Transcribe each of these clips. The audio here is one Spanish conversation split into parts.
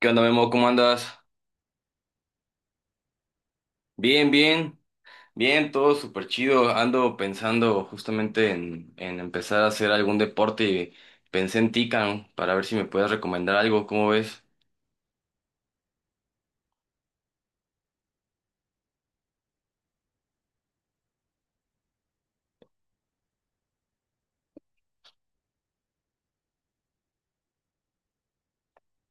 ¿Qué onda, Memo? ¿Cómo andas? Bien, bien, bien, todo súper chido. Ando pensando justamente en empezar a hacer algún deporte y pensé en ti, Cam, para ver si me puedes recomendar algo. ¿Cómo ves?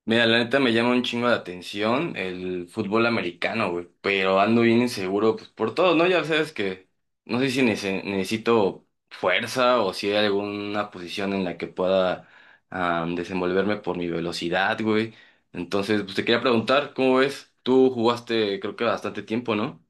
Mira, la neta me llama un chingo de atención el fútbol americano, güey, pero ando bien inseguro, pues por todo, ¿no? Ya sabes que no sé si necesito fuerza o si hay alguna posición en la que pueda desenvolverme por mi velocidad, güey. Entonces, pues te quería preguntar, ¿cómo ves? Tú jugaste creo que bastante tiempo, ¿no?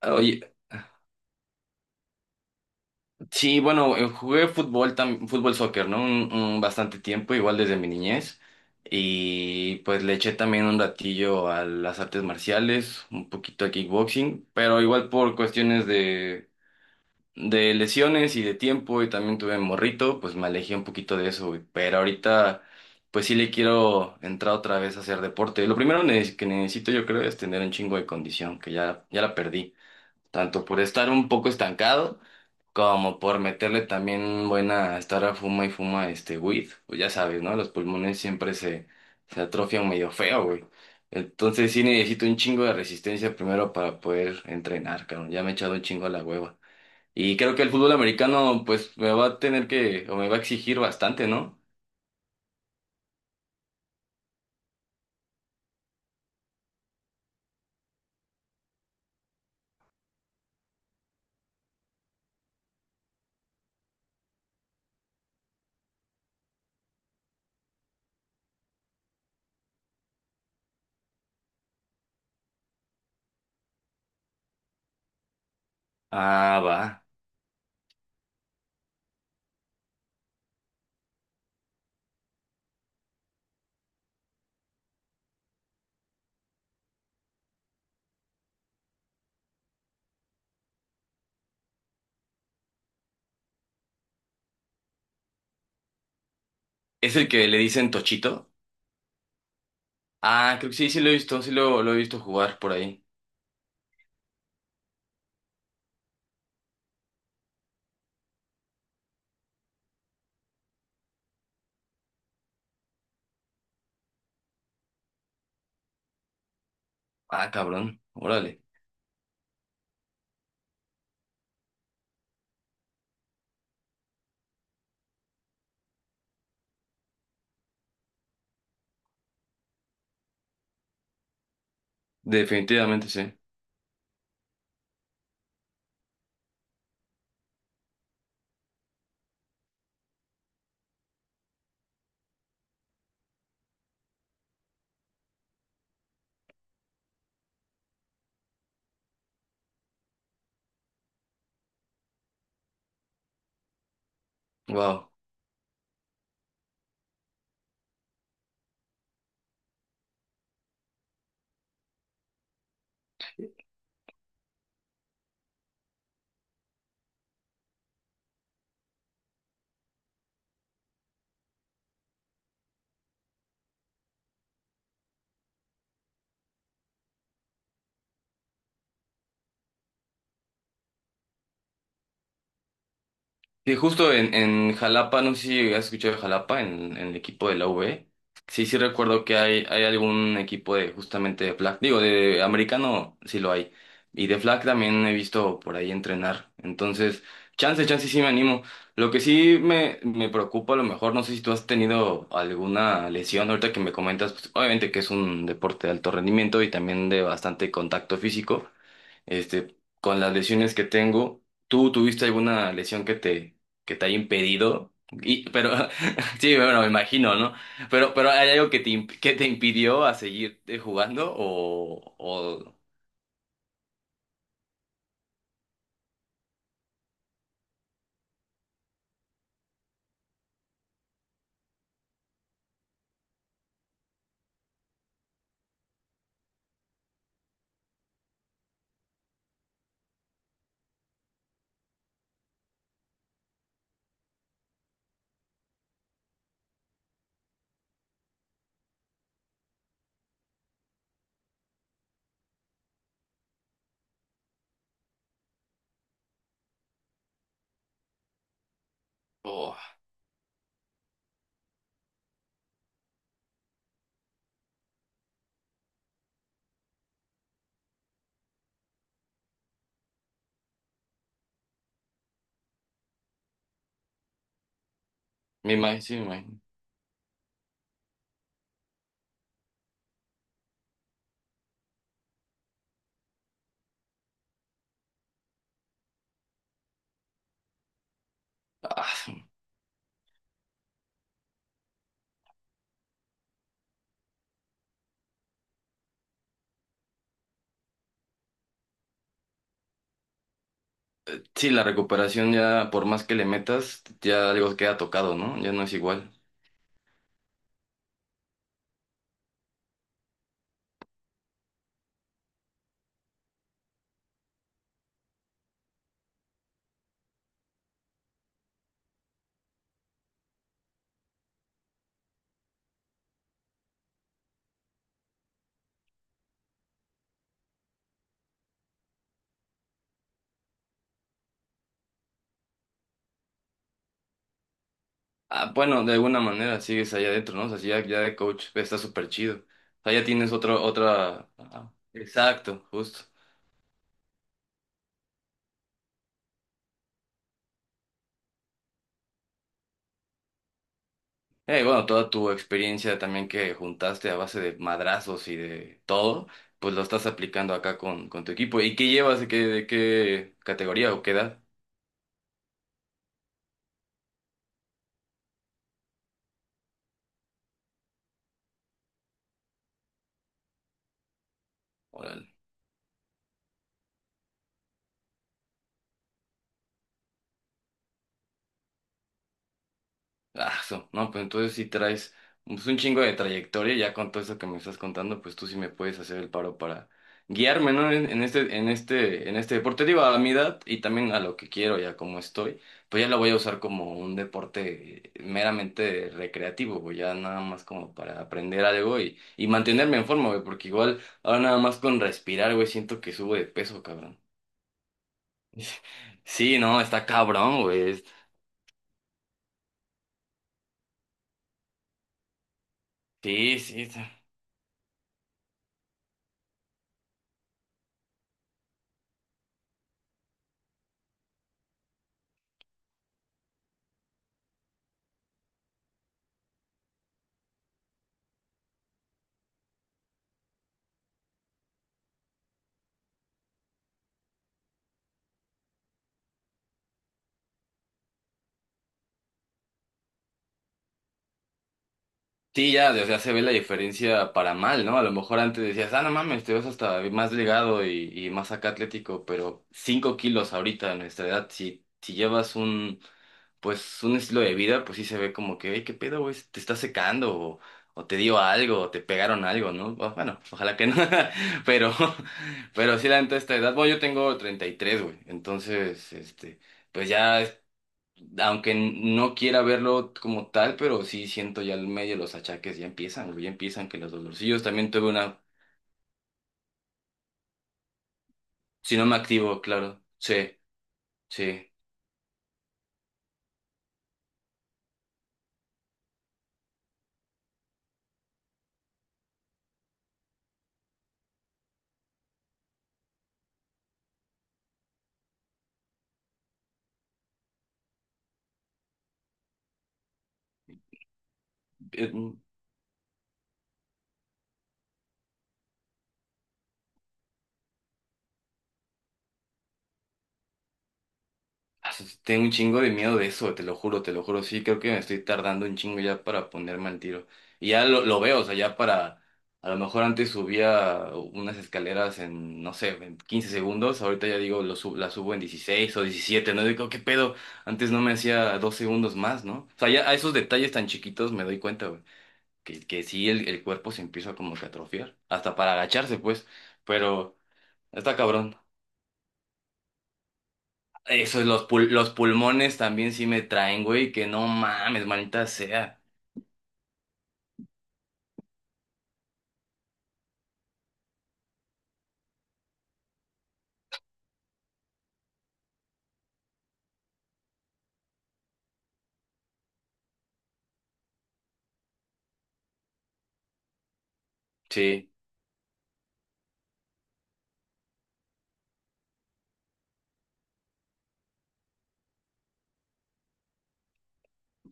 Ah, oye. Sí, bueno, jugué fútbol, fútbol soccer, ¿no? Un bastante tiempo, igual desde mi niñez. Y pues le eché también un ratillo a las artes marciales, un poquito a kickboxing, pero igual por cuestiones de lesiones y de tiempo, y también tuve morrito, pues me alejé un poquito de eso, güey. Pero ahorita, pues sí le quiero entrar otra vez a hacer deporte. Lo primero que necesito, yo creo, es tener un chingo de condición, que ya la perdí tanto por estar un poco estancado como por meterle también buena, estar a fuma y fuma este weed, pues ya sabes, ¿no? Los pulmones siempre se atrofian medio feo, güey. Entonces sí necesito un chingo de resistencia primero para poder entrenar, cabrón. Ya me he echado un chingo a la hueva. Y creo que el fútbol americano, pues me va a tener que, o me va a exigir bastante, ¿no? Ah, va. ¿Es el que le dicen Tochito? Ah, creo que sí, sí lo he visto, sí lo he visto jugar por ahí. Ah, cabrón, órale. Definitivamente sí. Wow. Sí, justo en Jalapa, no sé si has escuchado de Jalapa, en el equipo de la UB. Sí, sí recuerdo que hay algún equipo de justamente de flag. Digo, de americano sí lo hay. Y de flag también he visto por ahí entrenar. Entonces, chance sí me animo. Lo que sí me preocupa a lo mejor, no sé si tú has tenido alguna lesión. Ahorita que me comentas, pues, obviamente que es un deporte de alto rendimiento y también de bastante contacto físico. Este, con las lesiones que tengo, ¿tú tuviste alguna lesión que te haya impedido? Y, pero, sí, bueno, me imagino, ¿no? Pero ¿hay algo que te, que te impidió a seguir jugando? O- me imagino, sí, me imagino. Ah, sí, la recuperación ya, por más que le metas, ya algo queda tocado, ¿no? Ya no es igual. Ah, bueno, de alguna manera sigues allá adentro, ¿no? O sea, si ya, ya de coach está súper chido. O sea, ya tienes otro, otra... ah, exacto, justo. Bueno, toda tu experiencia también que juntaste a base de madrazos y de todo, pues lo estás aplicando acá con tu equipo. ¿Y qué llevas? De qué categoría o qué edad? Órale. Ah, so, no, pues entonces sí traes pues, un chingo de trayectoria, ya con todo eso que me estás contando, pues tú sí me puedes hacer el paro para guiarme, ¿no? En este, en este, en este deporte, digo, a mi edad y también a lo que quiero y a cómo estoy, pues ya lo voy a usar como un deporte meramente recreativo, güey, ya nada más como para aprender algo y mantenerme en forma, güey, porque igual ahora nada más con respirar, güey, siento que subo de peso, cabrón. Sí, no, está cabrón, güey. Sí, sí. Sí. Sí, ya, o sea, se ve la diferencia para mal, ¿no? A lo mejor antes decías, ah, no mames, te ves hasta más delgado y más acá atlético, pero 5 kilos ahorita a nuestra edad, si, si llevas un, pues, un estilo de vida, pues sí se ve como que, hey, qué pedo, güey, te está secando, o te dio algo, o te pegaron algo, ¿no? Bueno, ojalá que no, pero, pero sí, la neta, esta edad, bueno, yo tengo 33 güey, entonces, este, pues ya aunque no quiera verlo como tal, pero sí siento ya el medio los achaques ya empiezan, güey, ya empiezan que los dolorcillos también tuve una, si no me activo, claro, sí, sí. Eh, tengo un chingo de miedo de eso, te lo juro, te lo juro. Sí, creo que me estoy tardando un chingo ya para ponerme al tiro. Y ya lo veo, o sea, ya para... A lo mejor antes subía unas escaleras en, no sé, en 15 segundos. Ahorita ya digo, la subo en 16 o 17, ¿no? Digo, ¿qué pedo? Antes no me hacía 2 segundos más, ¿no? O sea, ya a esos detalles tan chiquitos me doy cuenta, güey. Que sí, el cuerpo se empieza como que a atrofiar. Hasta para agacharse, pues. Pero está cabrón. Eso, los pulmones también sí me traen, güey, que no mames, manita sea. Sí,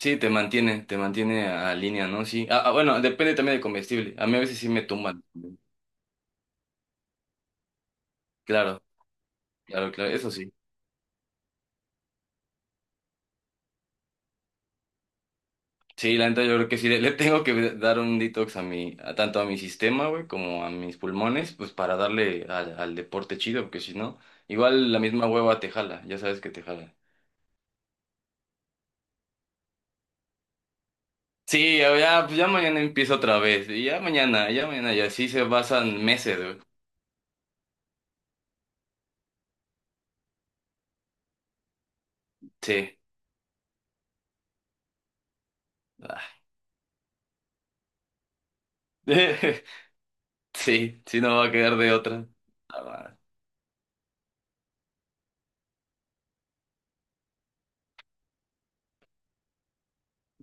sí, te mantiene a línea, ¿no? Sí. Ah, ah, bueno, depende también del comestible. A mí a veces sí me tumban. Claro, claro, claro, eso sí. Sí, la neta yo creo que sí, le tengo que dar un detox a mi, a, tanto a mi sistema, güey, como a mis pulmones, pues para darle al, al deporte chido, porque si no, igual la misma hueva te jala, ya sabes que te jala. Sí, ya, ya, pues ya mañana empiezo otra vez, y ya mañana, y así se pasan meses, güey. Sí. Ah. Sí, sí, no va a quedar de otra. Ah, va.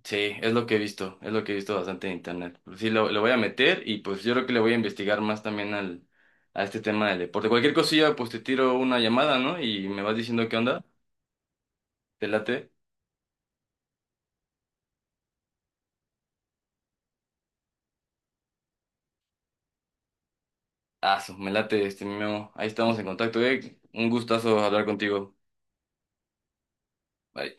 Sí, es lo que he visto, es lo que he visto bastante en internet. Pues sí, lo voy a meter y pues yo creo que le voy a investigar más también al, a este tema del deporte. Cualquier cosilla, pues te tiro una llamada, ¿no? Y me vas diciendo qué onda. ¿Te late? Ah, me late este mi Memo. Ahí estamos en contacto, eh. Un gustazo hablar contigo. Bye.